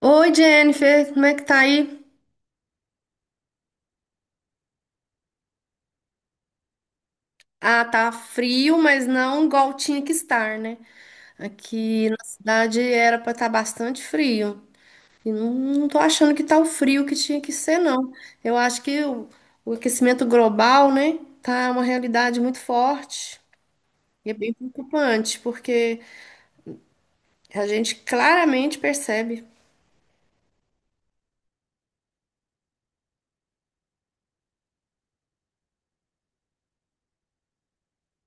Oi, Jennifer, como é que tá aí? Ah, tá frio, mas não igual tinha que estar, né? Aqui na cidade era pra estar bastante frio. E não tô achando que tá o frio que tinha que ser, não. Eu acho que o aquecimento global, né, tá uma realidade muito forte. E é bem preocupante, porque a gente claramente percebe.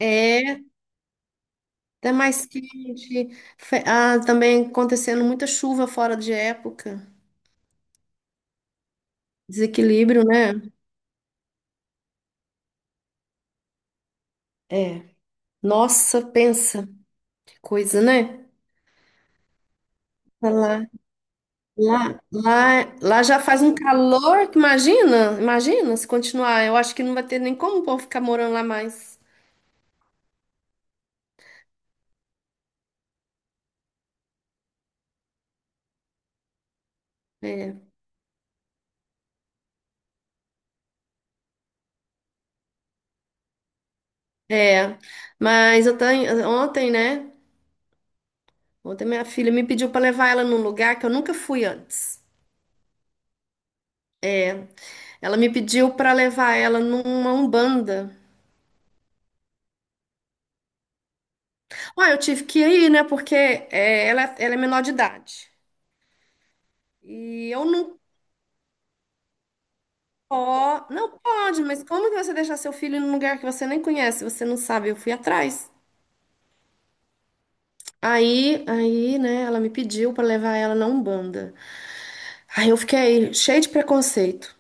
É, tá mais quente. Ah, também acontecendo muita chuva fora de época. Desequilíbrio, né? É. Nossa, pensa, que coisa, né? Tá Lá já faz um calor que imagina, imagina se continuar. Eu acho que não vai ter nem como o povo ficar morando lá mais. É, é. Mas eu tenho, ontem, né? Ontem minha filha me pediu para levar ela num lugar que eu nunca fui antes. Ela me pediu para levar ela numa Umbanda. Ah, eu tive que ir, né? Porque é, ela, é, ela é menor de idade. E eu não. Ó, não pode, mas como que você deixar seu filho num lugar que você nem conhece? Você não sabe, eu fui atrás. Aí, né, ela me pediu pra levar ela na Umbanda. Aí eu fiquei cheia de preconceito.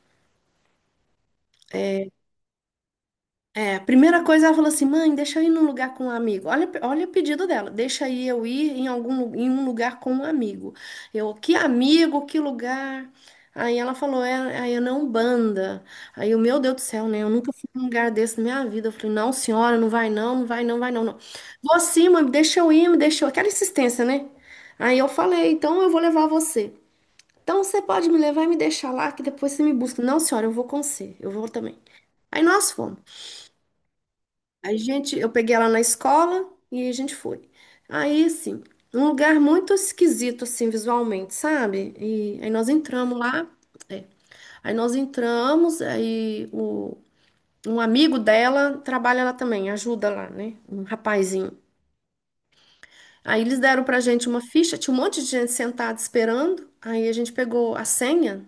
É, a primeira coisa ela falou assim, mãe, deixa eu ir num lugar com um amigo. Olha, olha o pedido dela, deixa aí eu ir em em um lugar com um amigo. Eu, que amigo, que lugar? Aí ela falou, é, aí eu não banda. Aí eu, meu Deus do céu, né? Eu nunca fui num lugar desse na minha vida. Eu falei, não, senhora, não vai não, não vai não, vai não, não. Vou sim, mãe, deixa eu ir, me deixou. Aquela insistência, né? Aí eu falei, então eu vou levar você. Então você pode me levar e me deixar lá, que depois você me busca. Não, senhora, eu vou com você, eu vou também. Aí nós fomos. A gente, eu peguei ela na escola e a gente foi. Aí, assim, um lugar muito esquisito, assim, visualmente, sabe? E aí nós entramos lá. É. Aí nós entramos, um amigo dela trabalha lá também, ajuda lá, né? Um rapazinho. Aí eles deram pra gente uma ficha, tinha um monte de gente sentada esperando. Aí a gente pegou a senha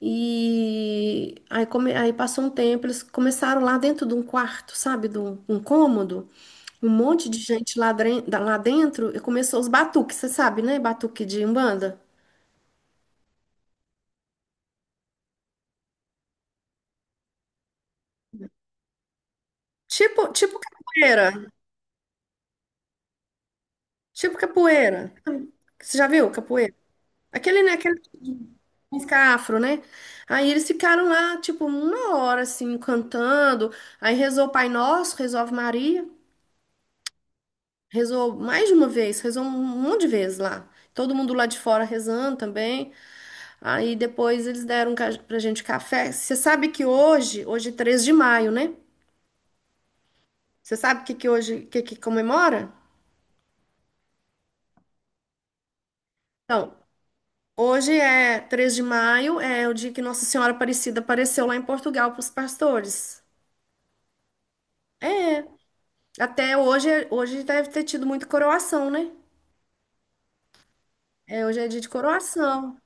e aí, aí passou um tempo, eles começaram lá dentro de um quarto, sabe? De um cômodo. Um monte de gente lá, lá dentro e começou os batuques, você sabe, né? Batuque de Umbanda. Tipo capoeira. Tipo capoeira. Você já viu capoeira? Aquele, né? Aquele tipo de música afro, né? Aí eles ficaram lá, tipo, uma hora, assim, cantando. Aí rezou o Pai Nosso, rezou a Ave Maria. Rezou mais de uma vez, rezou um monte de vezes lá. Todo mundo lá de fora rezando também. Aí depois eles deram pra gente café. Você sabe que hoje é 3 de maio, né? Você sabe o que que hoje, o que que comemora? Então, hoje é 3 de maio, é o dia que Nossa Senhora Aparecida apareceu lá em Portugal para os pastores. É, até hoje, hoje deve ter tido muito coroação, né? É, hoje é dia de coroação.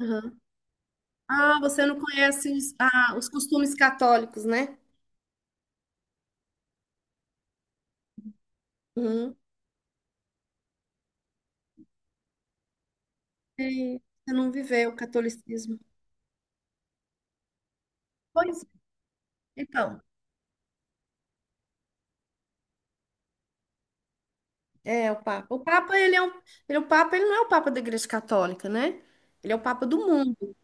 Aham. Ah, você não conhece os costumes católicos, né? Uhum. E você não viveu o catolicismo. Pois é. Então, é o Papa. O Papa, ele é um, ele, é o Papa, ele não é o Papa da Igreja Católica, né? Ele é o Papa do mundo.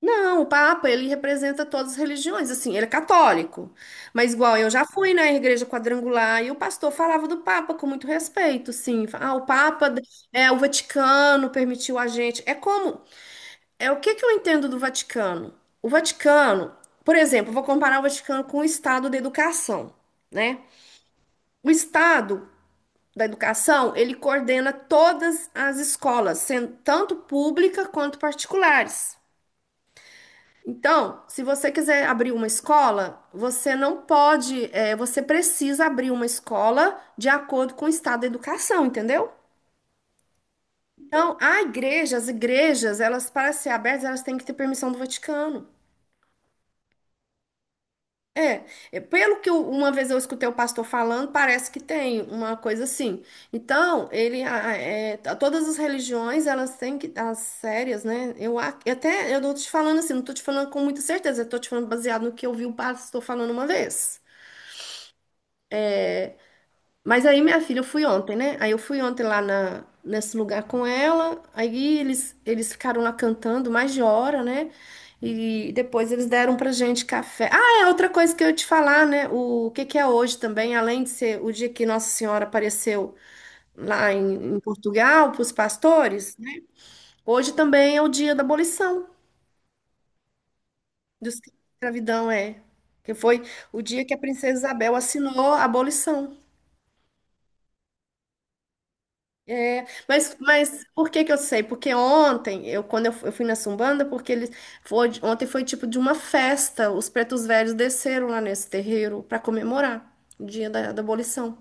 Não, o Papa, ele representa todas as religiões, assim, ele é católico. Mas igual eu já fui na igreja quadrangular e o pastor falava do Papa com muito respeito, sim. Ah, o Papa é o Vaticano permitiu a gente. É como, é o que que eu entendo do Vaticano? O Vaticano, por exemplo, eu vou comparar o Vaticano com o Estado da educação, né? O Estado da educação, ele coordena todas as escolas, sendo tanto pública quanto particulares. Então, se você quiser abrir uma escola, você não pode, é, você precisa abrir uma escola de acordo com o estado da educação, entendeu? Então, as igrejas, elas, para ser abertas, elas têm que ter permissão do Vaticano. É, pelo que uma vez eu escutei o pastor falando, parece que tem uma coisa assim. Então, ele, a- é, t- todas as religiões, elas têm que, as sérias, né? Eu até, eu tô te falando assim, não tô te falando com muita certeza, eu tô te falando baseado no que eu vi o pastor falando uma vez. Mas aí, minha filha, eu fui ontem, né? Aí eu fui ontem lá na, nesse lugar com ela. Aí eles ficaram lá cantando mais de hora, né? E depois eles deram pra gente café. Ah, é outra coisa que eu ia te falar, né? O que que é hoje também, além de ser o dia que Nossa Senhora apareceu lá em Portugal para os pastores, né? Hoje também é o dia da abolição da escravidão, é. Que foi o dia que a princesa Isabel assinou a abolição. É, mas por que que eu sei? Porque ontem, eu, quando eu, eu fui na Sumbanda, porque eles foi, ontem foi tipo de uma festa, os pretos velhos desceram lá nesse terreiro para comemorar o dia da abolição.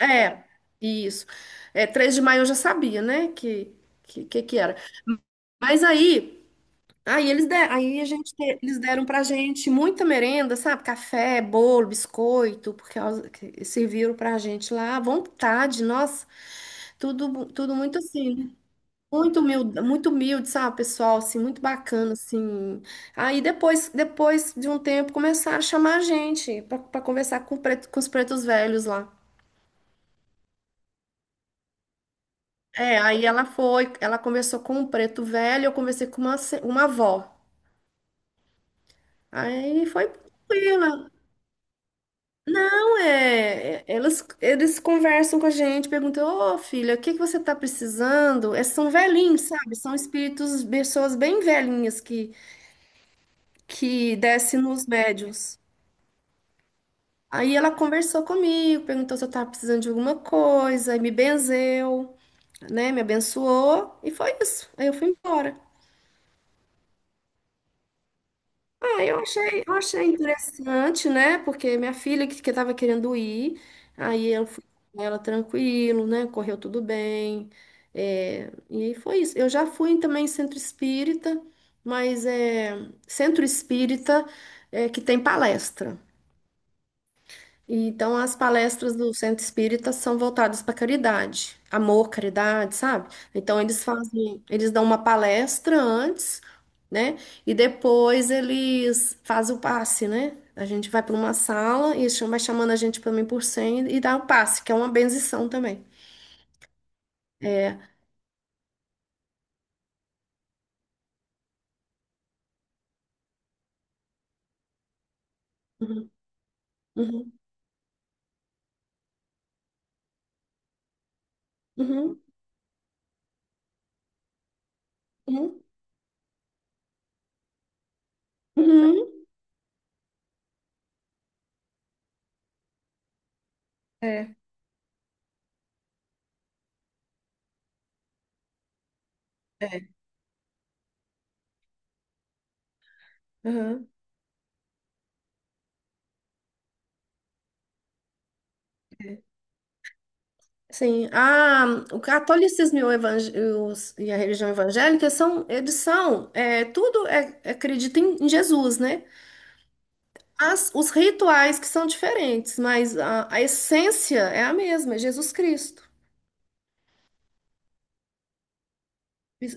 É, isso. É, 3 de maio eu já sabia, né, que era. Mas aí, aí aí a eles deram pra gente muita merenda, sabe? Café, bolo, biscoito, porque que serviram pra gente lá à vontade, nossa. Tudo, tudo muito assim. Né? Muito humilde, sabe, pessoal, assim, muito bacana, assim. Aí depois, depois de um tempo, começaram a chamar a gente para conversar com, com os pretos velhos lá. É, aí ela foi, ela conversou com um preto velho, eu conversei com uma, uma avó. Aí foi tranquila. Não, eles conversam com a gente, perguntam, ô filha, o que que você tá precisando? É, são velhinhos, sabe? São espíritos, pessoas bem velhinhas que descem nos médiuns. Aí ela conversou comigo, perguntou se eu tava precisando de alguma coisa, e me benzeu, né? Me abençoou e foi isso. Aí eu fui embora. Ah, eu achei interessante, né? Porque minha que tava querendo ir, aí eu fui com ela tranquilo, né? Correu tudo bem. É, e aí foi isso. Eu já fui também em centro espírita, mas é centro espírita é, que tem palestra. E, então, as palestras do Centro Espírita são voltadas para caridade, amor, caridade, sabe? Então, eles fazem, eles dão uma palestra antes, né? E depois eles fazem o passe, né? A gente vai para uma sala e eles vai chamando a gente para mim por 100 e dá o passe, que é uma benção também. É. Uhum, uhum, uhum, uhum, uhum. É, é. Uhum. Sim, o catolicismo e, o evang- e os- e a religião evangélica são, eles são, é, tudo é, acredita em, em Jesus, né? As, os rituais que são diferentes, mas a essência é a mesma, é Jesus Cristo.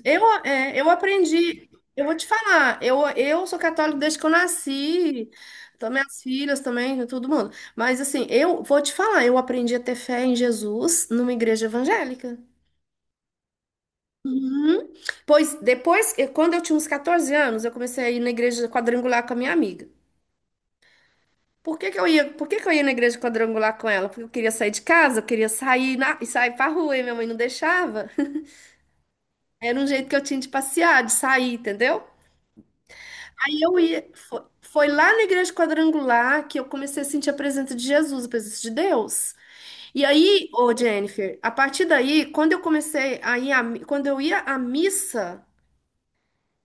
Eu aprendi, eu vou te falar, eu sou católica desde que eu nasci, então minhas filhas também, todo mundo. Mas assim, eu vou te falar, eu aprendi a ter fé em Jesus numa igreja evangélica. Uhum. Pois depois, quando eu tinha uns 14 anos, eu comecei a ir na igreja quadrangular com a minha amiga. Por que que eu ia, por que que eu ia na igreja quadrangular com ela? Porque eu queria sair de casa, eu queria sair na, e sair pra rua, e minha mãe não deixava. Era um jeito que eu tinha de passear, de sair, entendeu? Aí eu ia, foi, foi lá na igreja quadrangular que eu comecei a sentir a presença de Jesus, a presença de Deus. E aí, ô Jennifer, a partir daí, quando eu comecei a ir, quando eu ia à missa,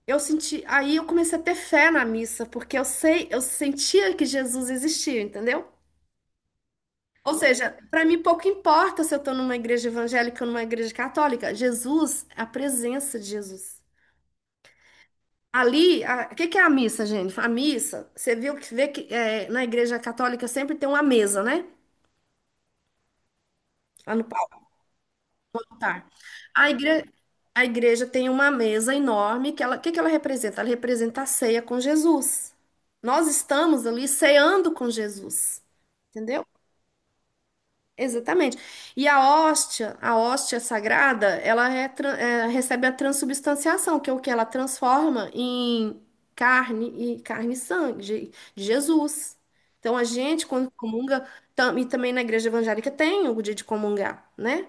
eu senti, aí eu comecei a ter fé na missa, porque eu sei, eu sentia que Jesus existia, entendeu? Ou seja, para mim pouco importa se eu estou numa igreja evangélica ou numa igreja católica, Jesus, a presença de Jesus. Ali, o que que é a missa, gente? A missa, você viu que vê que é, na igreja católica sempre tem uma mesa, né? Lá no. Tá. A igre- a igreja tem uma mesa enorme que ela, o que que ela representa? Ela representa a ceia com Jesus. Nós estamos ali ceando com Jesus. Entendeu? Exatamente. E a hóstia sagrada, ela recebe a transubstanciação, que é o que ela transforma em carne e sangue de Jesus. Então a gente, quando comunga, e também na igreja evangélica tem o dia de comungar, né?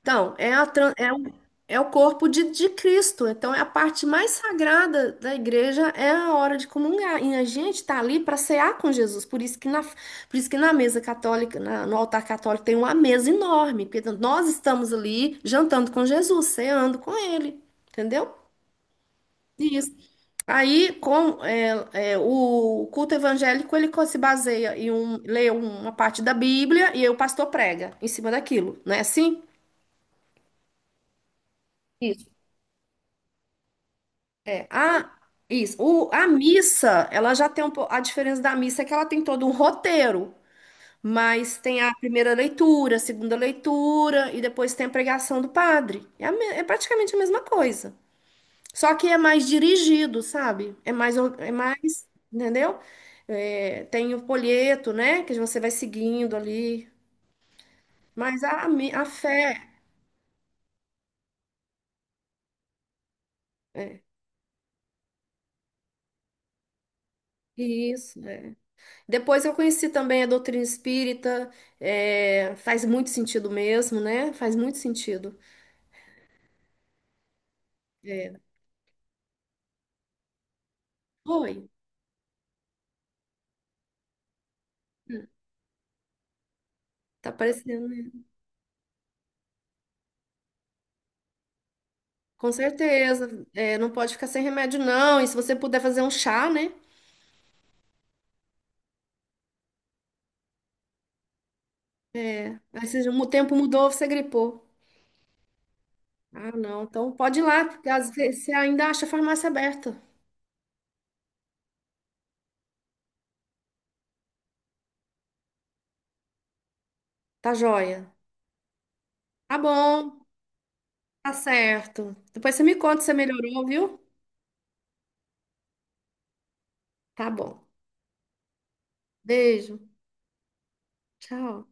Então, é, a, tran- é, o, é o corpo de Cristo. Então, é a parte mais sagrada da igreja, é a hora de comungar. E a gente está ali para cear com Jesus. Por isso que na, por isso que na mesa católica, no altar católico, tem uma mesa enorme. Porque nós estamos ali jantando com Jesus, ceando com ele. Entendeu? Isso. Aí, o culto evangélico, se baseia em um, ler uma parte da Bíblia e aí o pastor prega em cima daquilo, não é assim? É, a, isso. A missa, ela já tem um pouco. A diferença da missa é que ela tem todo um roteiro, mas tem a primeira leitura, a segunda leitura, e depois tem a pregação do padre. É, é praticamente a mesma coisa. Só que é mais dirigido, sabe? É mais, é mais, entendeu? É, tem o folheto, né? Que você vai seguindo ali. Mas a fé. É, isso. Depois eu conheci também a doutrina espírita, é, faz muito sentido mesmo, né? Faz muito sentido. É, foi, tá parecendo, né? Com certeza, é, não pode ficar sem remédio, não. E se você puder fazer um chá, né? Aí se o tempo mudou, você gripou. Ah, não, então pode ir lá, porque às vezes você ainda acha a farmácia aberta. Tá joia. Tá bom, tá certo. Depois você me conta se você melhorou, viu? Tá bom. Beijo, tchau.